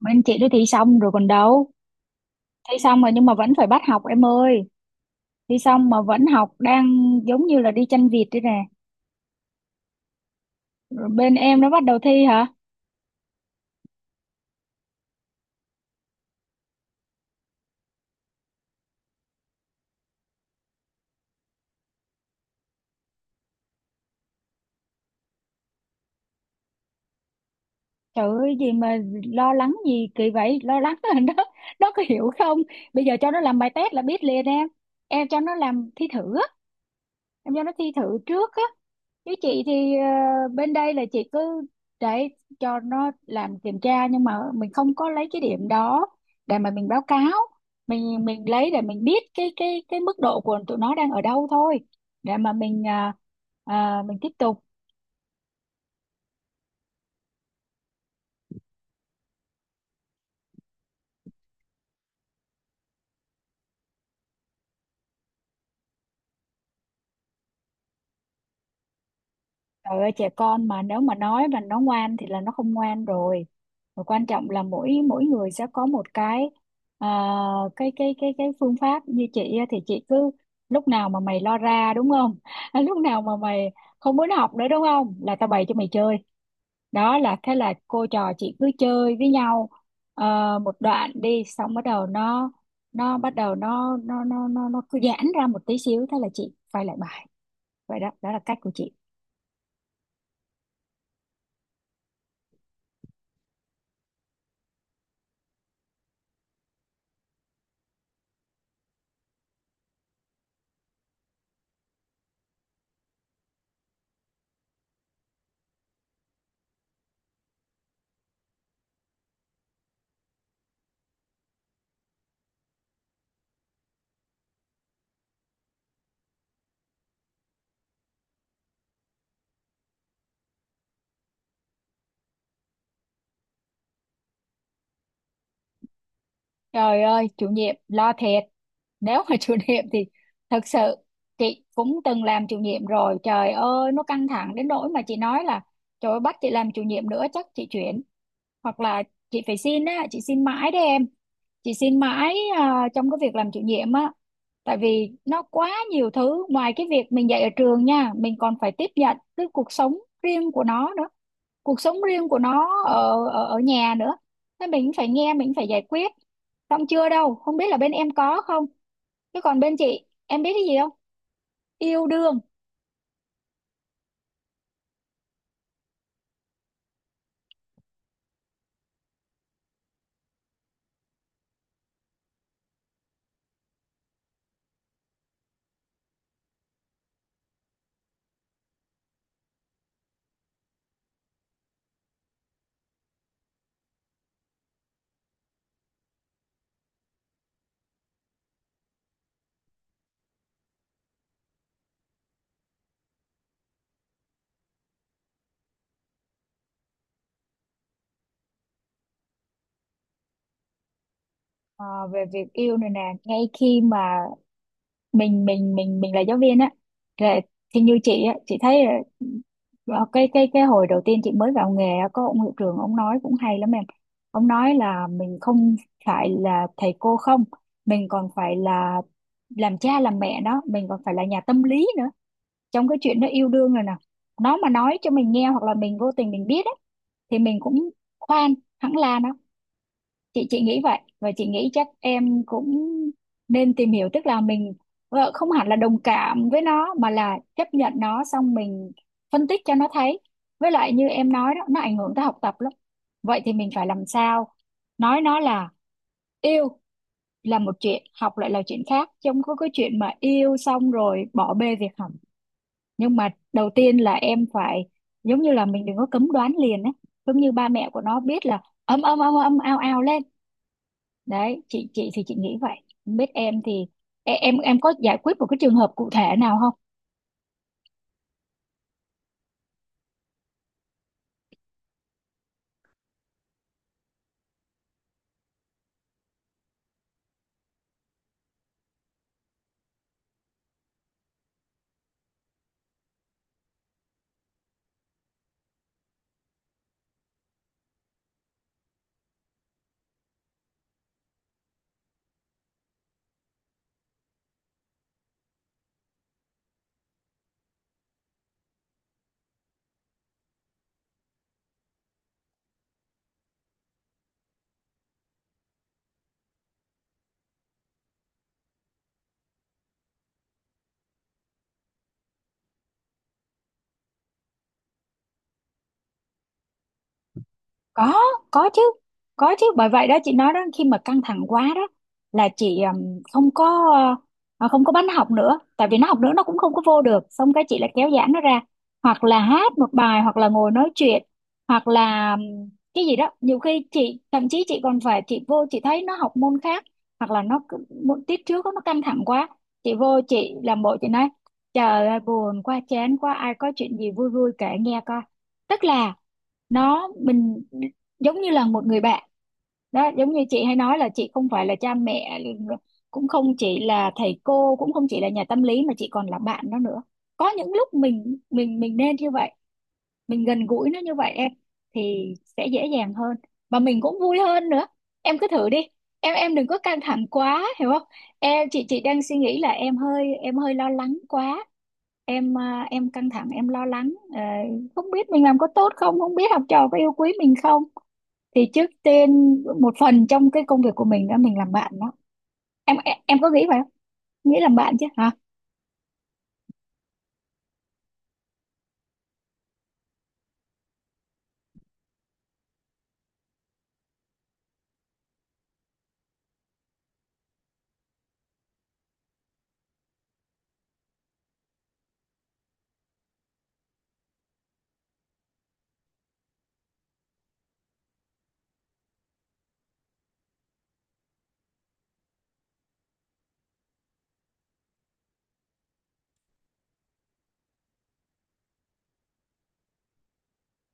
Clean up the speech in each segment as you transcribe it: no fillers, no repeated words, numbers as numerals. Bên chị đi thi xong rồi còn đâu. Thi xong rồi nhưng mà vẫn phải bắt học em ơi. Thi xong mà vẫn học, đang giống như là đi chanh vịt đây nè. Rồi bên em nó bắt đầu thi hả? Trời ơi, gì mà lo lắng gì kỳ vậy? Lo lắng là nó có hiểu không? Bây giờ cho nó làm bài test là biết liền em. Em cho nó làm thi thử, em cho nó thi thử trước á. Chứ chị thì bên đây là chị cứ để cho nó làm kiểm tra, nhưng mà mình không có lấy cái điểm đó để mà mình báo cáo. Mình lấy để mình biết cái cái mức độ của tụi nó đang ở đâu thôi, để mà mình mình tiếp tục. Trời ơi, trẻ con mà nếu mà nói là nó ngoan thì là nó không ngoan rồi. Và quan trọng là mỗi mỗi người sẽ có một cái à, cái phương pháp. Như chị á thì chị cứ lúc nào mà mày lo ra đúng không? Lúc nào mà mày không muốn học nữa đúng không? Là tao bày cho mày chơi. Đó, là thế là cô trò chị cứ chơi với nhau một đoạn đi xong, bắt đầu nó, nó cứ giãn ra một tí xíu, thế là chị quay lại bài. Vậy đó, đó là cách của chị. Trời ơi, chủ nhiệm lo thiệt. Nếu mà chủ nhiệm thì thật sự chị cũng từng làm chủ nhiệm rồi. Trời ơi, nó căng thẳng đến nỗi mà chị nói là trời ơi, bắt chị làm chủ nhiệm nữa chắc chị chuyển. Hoặc là chị phải xin á, chị xin mãi đấy em. Chị xin mãi à, trong cái việc làm chủ nhiệm á. Tại vì nó quá nhiều thứ ngoài cái việc mình dạy ở trường nha, mình còn phải tiếp nhận cái cuộc sống riêng của nó nữa, cuộc sống riêng của nó ở ở nhà nữa. Thế mình phải nghe, mình phải giải quyết. Xong chưa đâu, không biết là bên em có không? Chứ còn bên chị, em biết cái gì không? Yêu đương. Ờ, về việc yêu này nè, ngay khi mà mình là giáo viên á, là- thì như chị á, chị thấy là cái hồi đầu tiên chị mới vào nghề á, có ông hiệu trưởng ông nói cũng hay lắm em. Ông nói là mình không phải là thầy cô không, mình còn phải là làm cha làm mẹ đó, mình còn phải là nhà tâm lý nữa. Trong cái chuyện nó yêu đương rồi nè, nó mà nói cho mình nghe hoặc là mình vô tình mình biết ấy, thì mình cũng khoan hẳn là nó, chị nghĩ vậy. Và chị nghĩ chắc em cũng nên tìm hiểu, tức là mình không hẳn là đồng cảm với nó mà là chấp nhận nó, xong mình phân tích cho nó thấy. Với lại như em nói đó, nó ảnh hưởng tới học tập lắm. Vậy thì mình phải làm sao nói nó là yêu là một chuyện, học lại là chuyện khác, chứ không có cái chuyện mà yêu xong rồi bỏ bê việc học. Nhưng mà đầu tiên là em phải giống như là mình đừng có cấm đoán liền ấy, giống như ba mẹ của nó biết là âm âm âm âm ao ao lên. Đấy, chị thì chị nghĩ vậy, không biết em thì em có giải quyết một cái trường hợp cụ thể nào không? Có, có chứ, có chứ. Bởi vậy đó chị nói đó, khi mà căng thẳng quá đó là chị không có không có bắn học nữa, tại vì nó học nữa nó cũng không có vô được. Xong cái chị lại kéo giãn nó ra, hoặc là hát một bài, hoặc là ngồi nói chuyện, hoặc là cái gì đó. Nhiều khi chị thậm chí chị còn phải chị vô chị thấy nó học môn khác, hoặc là môn tiết trước nó căng thẳng quá, chị vô chị làm bộ chị nói trời ơi buồn quá chán quá, ai có chuyện gì vui vui kể nghe coi. Tức là nó, mình giống như là một người bạn đó, giống như chị hay nói là chị không phải là cha mẹ, cũng không chỉ là thầy cô, cũng không chỉ là nhà tâm lý, mà chị còn là bạn đó nữa. Có những lúc mình nên như vậy, mình gần gũi nó như vậy em, thì sẽ dễ dàng hơn mà mình cũng vui hơn nữa. Em cứ thử đi, em đừng có căng thẳng quá hiểu không. Chị đang suy nghĩ là em hơi, em hơi lo lắng quá. Em em căng thẳng em lo lắng, không biết mình làm có tốt không, không biết học trò có yêu quý mình không. Thì trước tiên một phần trong cái công việc của mình đó, mình làm bạn đó. Em có nghĩ vậy không, nghĩ làm bạn chứ hả?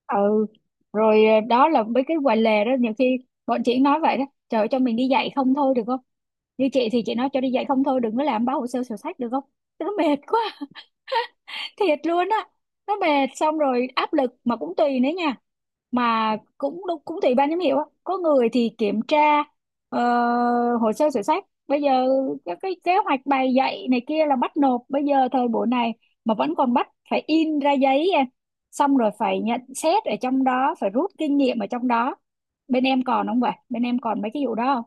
Ừ, rồi đó là mấy cái quầy lề đó. Nhiều khi bọn chị nói vậy đó, trời ơi, cho mình đi dạy không thôi được không. Như chị thì chị nói cho đi dạy không thôi, đừng có làm báo hồ sơ sổ sách được không, nó mệt quá. Thiệt luôn á, nó mệt xong rồi áp lực. Mà cũng tùy nữa nha, cũng tùy ban giám hiệu á, có người thì kiểm tra hồ sơ sổ sách. Bây giờ các cái kế hoạch bài dạy này kia là bắt nộp, bây giờ thời buổi này mà vẫn còn bắt phải in ra giấy em, xong rồi phải nhận xét ở trong đó, phải rút kinh nghiệm ở trong đó. Bên em còn không, vậy bên em còn mấy cái vụ đó?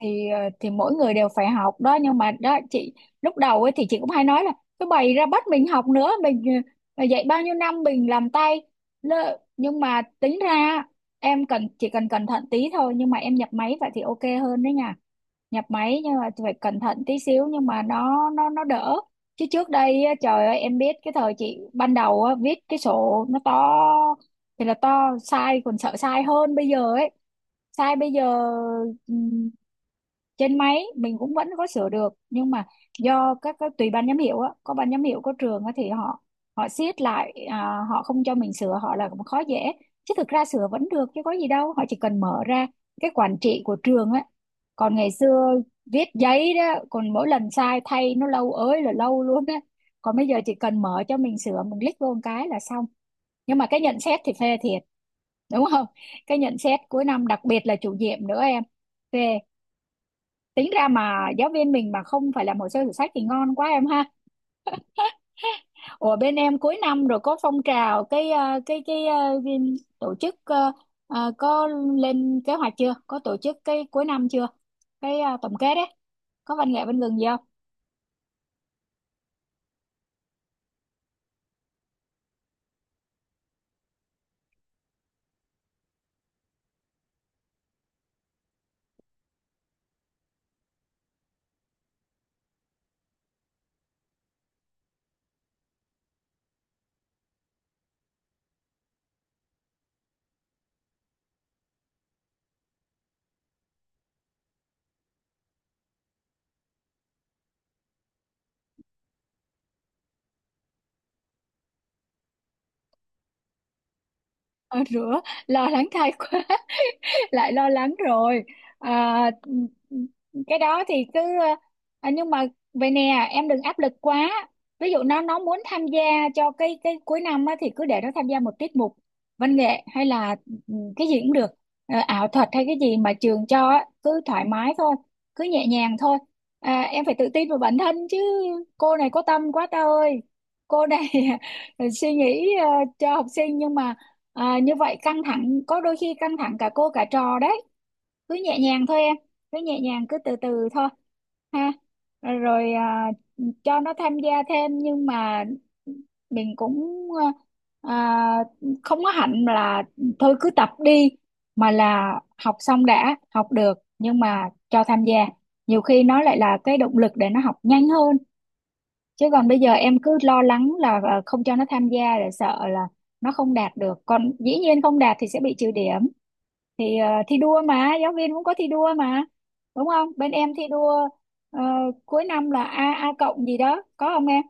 Thì thì mỗi người đều phải học đó, nhưng mà đó chị, lúc đầu ấy thì chị cũng hay nói là cứ bày ra bắt mình học nữa, mình dạy bao nhiêu năm mình làm tay. Nhưng mà tính ra em cần, chỉ cần cẩn thận tí thôi, nhưng mà em nhập máy vậy thì ok hơn đấy nha. Nhập máy nhưng mà phải cẩn thận tí xíu, nhưng mà nó đỡ. Chứ trước đây á, trời ơi em biết cái thời chị ban đầu á, viết cái sổ nó to thì là to, sai còn sợ sai hơn bây giờ ấy. Sai bây giờ trên máy mình cũng vẫn có sửa được, nhưng mà do các tùy ban giám hiệu á, có ban giám hiệu có trường á thì họ, họ siết lại à, họ không cho mình sửa, họ là cũng khó dễ. Chứ thực ra sửa vẫn được chứ có gì đâu, họ chỉ cần mở ra cái quản trị của trường á. Còn ngày xưa viết giấy đó, còn mỗi lần sai thay nó lâu ới là lâu luôn á. Còn bây giờ chỉ cần mở cho mình sửa, mình click vô một cái là xong. Nhưng mà cái nhận xét thì phê thiệt đúng không. Cái nhận xét cuối năm, đặc biệt là chủ nhiệm nữa em, phê. Tính ra mà giáo viên mình mà không phải làm hồ sơ sổ sách thì ngon quá em ha. Ủa, bên em cuối năm rồi có phong trào cái cái tổ chức, có lên kế hoạch chưa, có tổ chức cái cuối năm chưa, cái tổng kết đấy, có văn nghệ bên gừng gì không? Ờ, rửa, lo lắng thay quá. Lại lo lắng rồi. À, cái đó thì cứ à, nhưng mà vậy nè, em đừng áp lực quá. Ví dụ nó muốn tham gia cho cái cuối năm á, thì cứ để nó tham gia một tiết mục văn nghệ hay là ừ, cái gì cũng được. Ờ, ảo thuật hay cái gì mà trường cho á, cứ thoải mái thôi, cứ nhẹ nhàng thôi. À, em phải tự tin vào bản thân chứ. Cô này có tâm quá ta ơi, cô này suy nghĩ cho học sinh. Nhưng mà à, như vậy căng thẳng, có đôi khi căng thẳng cả cô cả trò đấy. Cứ nhẹ nhàng thôi em, cứ nhẹ nhàng, cứ từ từ thôi ha. Rồi à, cho nó tham gia thêm. Nhưng mà mình cũng ờ, à, không có hẳn là thôi cứ tập đi, mà là học xong đã, học được. Nhưng mà cho tham gia nhiều khi nó lại là cái động lực để nó học nhanh hơn. Chứ còn bây giờ em cứ lo lắng là không cho nó tham gia để sợ là nó không đạt được. Còn dĩ nhiên không đạt thì sẽ bị trừ điểm, thì thi đua mà, giáo viên cũng có thi đua mà đúng không. Bên em thi đua ờ, cuối năm là a a cộng gì đó có không em?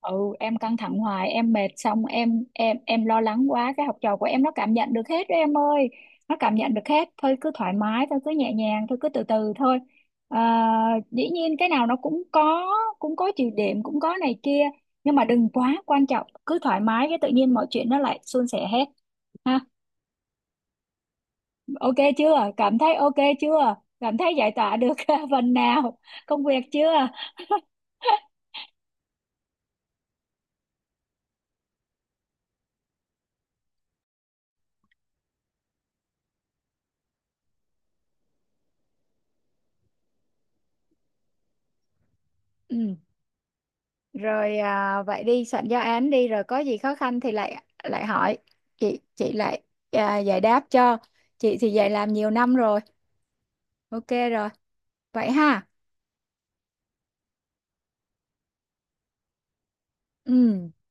Ừ, em căng thẳng hoài em mệt, xong em lo lắng quá, cái học trò của em nó cảm nhận được hết đó em ơi. Nó cảm nhận được hết, thôi cứ thoải mái thôi, cứ nhẹ nhàng thôi, cứ từ từ thôi à. Dĩ nhiên cái nào nó cũng có, cũng có chịu điểm, cũng có này kia, nhưng mà đừng quá quan trọng, cứ thoải mái cái tự nhiên mọi chuyện nó lại suôn sẻ hết ha. Ok chưa, cảm thấy ok chưa, cảm thấy giải tỏa được phần nào công việc chưa? Ừ, rồi à, vậy đi soạn giáo án đi, rồi có gì khó khăn thì lại lại hỏi chị, chị lại giải đáp cho. Chị thì dạy làm nhiều năm rồi, ok rồi, vậy ha. Ừ.